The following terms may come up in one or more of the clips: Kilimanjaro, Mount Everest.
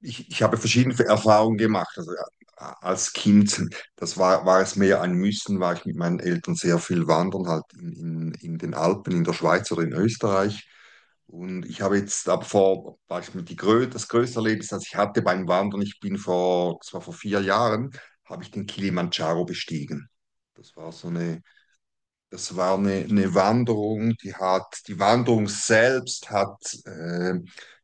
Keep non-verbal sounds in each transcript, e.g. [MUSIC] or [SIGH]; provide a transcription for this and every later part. Ich habe verschiedene Erfahrungen gemacht. Also als Kind, war es mehr ein Müssen, war ich mit meinen Eltern sehr viel wandern, halt in den Alpen, in der Schweiz oder in Österreich. Und ich habe jetzt ab vor, war ich mit die Grö das größte Erlebnis, das ich hatte beim Wandern, das war vor vier Jahren, habe ich den Kilimandscharo bestiegen. Das war so eine Das war eine Wanderung, die Wanderung selbst hat äh,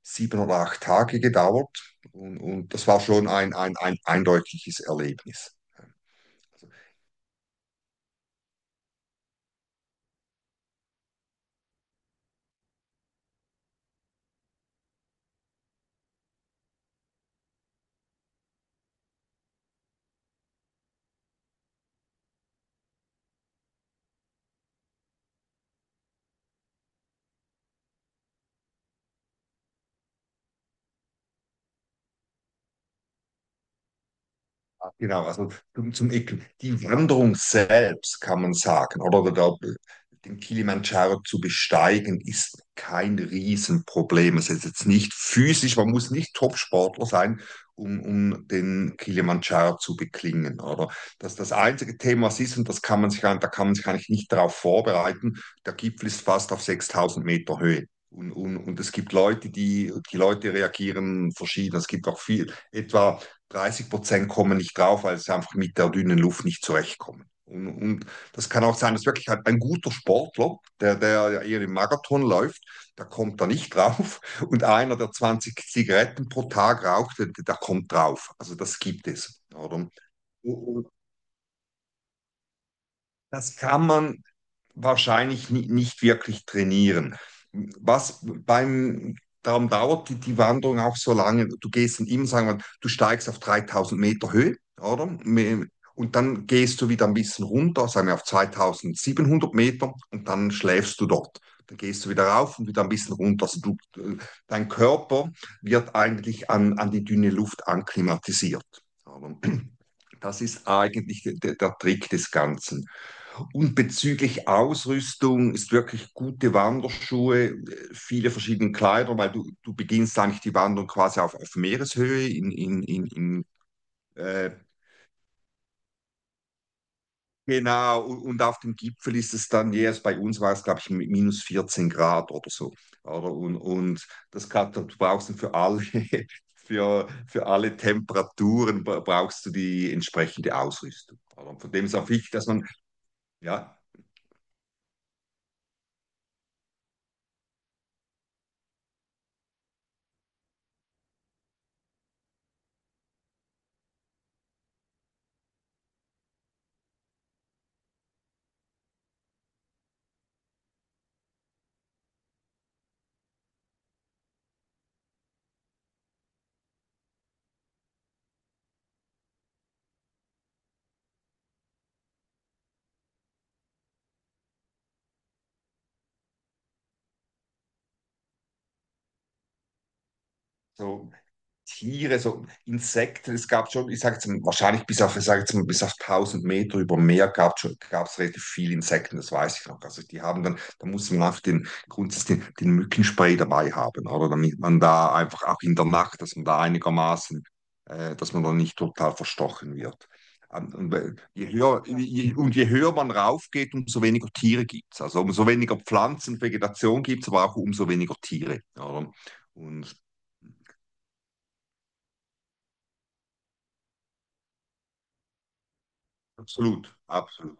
sieben oder acht Tage gedauert, und das war schon ein eindeutiges Erlebnis. Ah, genau. Also die Wanderung selbst, kann man sagen, den Kilimanjaro zu besteigen, ist kein Riesenproblem. Es ist jetzt nicht physisch, man muss nicht Topsportler sein, um den Kilimanjaro zu beklingen, oder? Das ist das einzige Thema, was ist, und das kann man sich, ein- da kann man sich eigentlich nicht darauf vorbereiten. Der Gipfel ist fast auf 6000 Meter Höhe. Und es gibt Leute, die Leute reagieren verschieden. Es gibt auch viel, etwa 30% kommen nicht drauf, weil sie einfach mit der dünnen Luft nicht zurechtkommen. Und das kann auch sein, dass wirklich halt ein guter Sportler, der ja eher im Marathon läuft, der kommt da nicht drauf. Und einer, der 20 Zigaretten pro Tag raucht, der kommt drauf. Also das gibt es, oder? Und das kann man wahrscheinlich nicht wirklich trainieren. Was beim, Darum dauert die Wanderung auch so lange. Du gehst dann immer, sagen wir, du steigst auf 3000 Meter Höhe, oder? Und dann gehst du wieder ein bisschen runter, sagen wir auf 2700 Meter, und dann schläfst du dort. Dann gehst du wieder rauf und wieder ein bisschen runter. Also du, dein Körper wird eigentlich an die dünne Luft anklimatisiert. Das ist eigentlich der Trick des Ganzen. Und bezüglich Ausrüstung ist wirklich gute Wanderschuhe, viele verschiedene Kleider, weil du beginnst eigentlich die Wanderung quasi auf Meereshöhe in äh, genau, und auf dem Gipfel ist es dann jeweils, bei uns war es, glaube ich, minus 14 Grad oder so. Oder? Und das kann, du brauchst dann für alle, [LAUGHS] für alle Temperaturen brauchst du die entsprechende Ausrüstung. Oder? Und von dem ist auch wichtig, dass man, ja, so Tiere, so Insekten. Es gab schon, ich sage jetzt mal, wahrscheinlich bis auf, ich sag jetzt mal, bis auf 1000 Meter über dem Meer gab schon, gab's relativ viele Insekten, das weiß ich noch. Also die haben dann, da muss man einfach den grundsätzlich den Mückenspray dabei haben, oder, damit man da einfach auch in der Nacht, dass man da einigermaßen, dass man da nicht total verstochen wird. Und je höher man raufgeht, umso weniger Tiere gibt es. Also umso weniger Pflanzen, Vegetation gibt es, aber auch umso weniger Tiere, oder? Und absolut, absolut.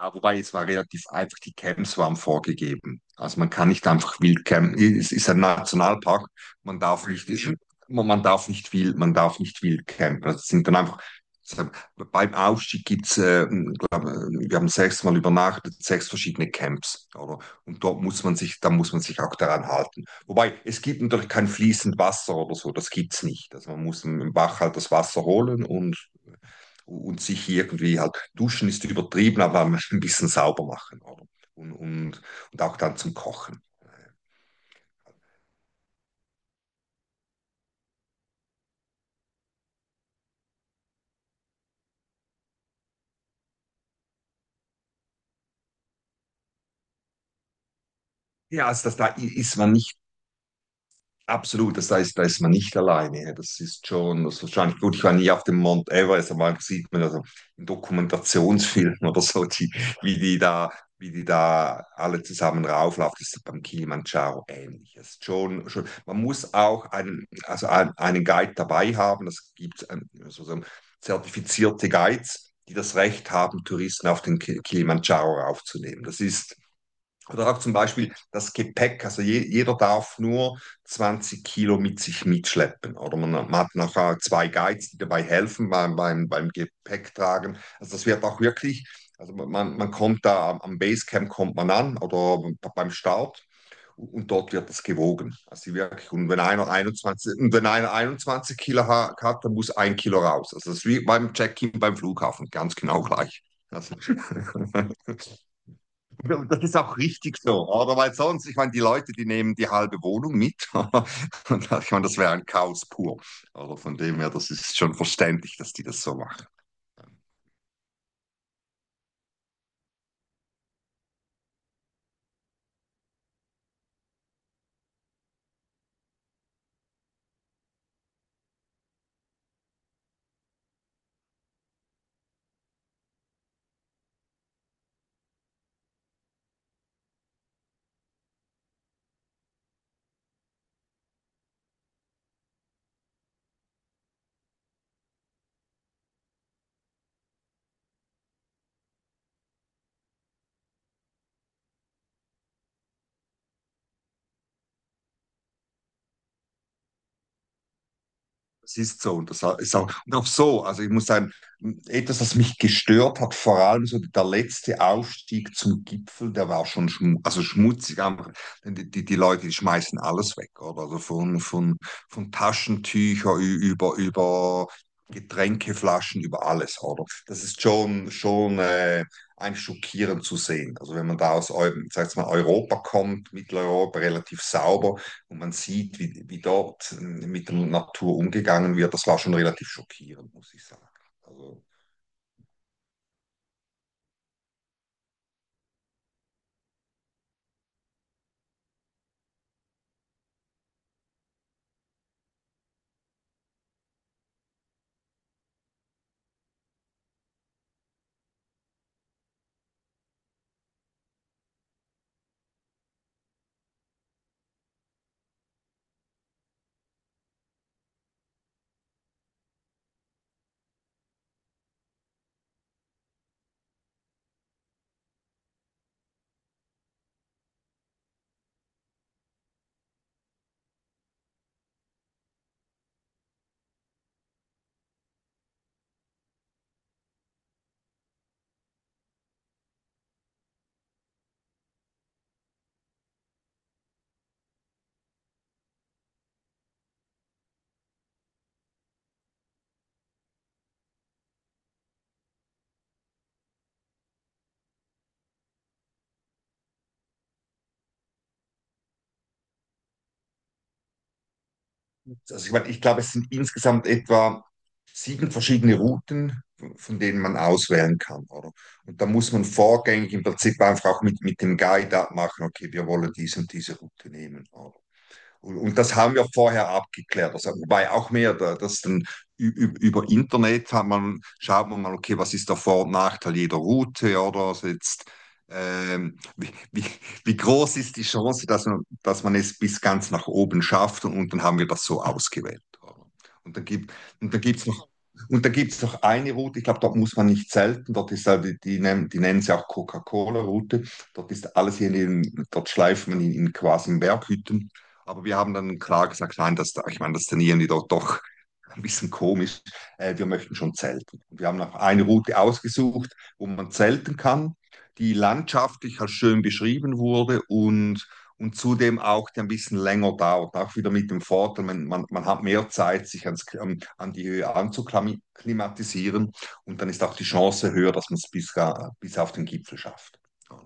Ja, wobei es war relativ einfach, die Camps waren vorgegeben. Also man kann nicht einfach wild campen. Es ist ein Nationalpark, man darf nicht, man darf nicht wild campen. Das sind dann einfach, beim Aufstieg gibt's, glaub, wir haben sechsmal übernachtet, sechs verschiedene Camps, oder? Und dort muss man sich, da muss man sich auch daran halten. Wobei, es gibt natürlich kein fließend Wasser oder so, das gibt's nicht. Also man muss im Bach halt das Wasser holen, und sich irgendwie halt, duschen ist übertrieben, aber [LAUGHS] ein bisschen sauber machen, oder? Und, und, und auch dann zum Kochen. Ja, also das, da ist man nicht, absolut, das heißt, da ist man nicht alleine. Ja. Das ist schon, das ist wahrscheinlich gut. Ich war nie auf dem Mount Everest, aber man sieht man, also in Dokumentationsfilmen [LAUGHS] oder so, die, wie die da, wie die da alle zusammen rauflaufen. Das ist beim Kilimanjaro ähnlich. Das ist schon, man muss auch einen, also einen Guide dabei haben. Es gibt sozusagen zertifizierte Guides, die das Recht haben, Touristen auf den Kilimanjaro raufzunehmen. Das ist, oder auch zum Beispiel das Gepäck. Also jeder darf nur 20 Kilo mit sich mitschleppen. Oder man hat nachher zwei Guides, die dabei helfen beim, beim Gepäcktragen. Also das wird auch wirklich, also man kommt da, am Basecamp kommt man an, oder beim Start, und dort wird das gewogen. Also wirklich, und wenn einer 21 Kilo hat, dann muss ein Kilo raus. Also das ist wie beim Check-in beim Flughafen, ganz genau gleich. Also das ist auch richtig so, oder? Weil sonst, ich meine, die Leute, die nehmen die halbe Wohnung mit. [LAUGHS] Und ich meine, das wäre ein Chaos pur. Oder von dem her, das ist schon verständlich, dass die das so machen. Es ist so, und das ist auch, und auch so. Also ich muss sagen, etwas, was mich gestört hat, vor allem so der letzte Aufstieg zum Gipfel, der war schon schmu also schmutzig, einfach. Denn die, die Leute, die schmeißen alles weg, oder? Also von Taschentücher über Getränkeflaschen, über alles, oder? Das ist schon ein schockierend zu sehen. Also wenn man da aus sag ich mal, Europa kommt, Mitteleuropa relativ sauber, und man sieht, wie dort mit der Natur umgegangen wird. Das war schon relativ schockierend, muss ich sagen. Also, also ich meine, ich glaube, es sind insgesamt etwa sieben verschiedene Routen, von denen man auswählen kann, oder? Und da muss man vorgängig im Prinzip einfach auch mit dem Guide abmachen, okay, wir wollen diese und diese Route nehmen, oder? Und das haben wir vorher abgeklärt. Also, wobei auch mehr, das dann über Internet hat man, schaut man mal, okay, was ist der Vor- und Nachteil jeder Route, ja, oder, also jetzt, ähm, wie, wie, wie groß ist die Chance, dass dass man es bis ganz nach oben schafft, und dann haben wir das so ausgewählt, oder? Und dann gibt, und dann gibt's noch Und da gibt es noch eine Route, ich glaube, dort muss man nicht selten, dort ist halt, die nennen sie auch Coca-Cola-Route, dort ist alles hier dort schleift man in quasi in Berghütten. Aber wir haben dann klar gesagt, nein, das, ich meine, das trainieren die doch, doch ein bisschen komisch. Wir möchten schon zelten. Und wir haben noch eine Route ausgesucht, wo man zelten kann, die landschaftlich als schön beschrieben wurde, und zudem auch, die ein bisschen länger dauert. Auch wieder mit dem Vorteil, man hat mehr Zeit, sich ans, an die Höhe anzuklimatisieren, und dann ist auch die Chance höher, dass man es bis, bis auf den Gipfel schafft. Ja.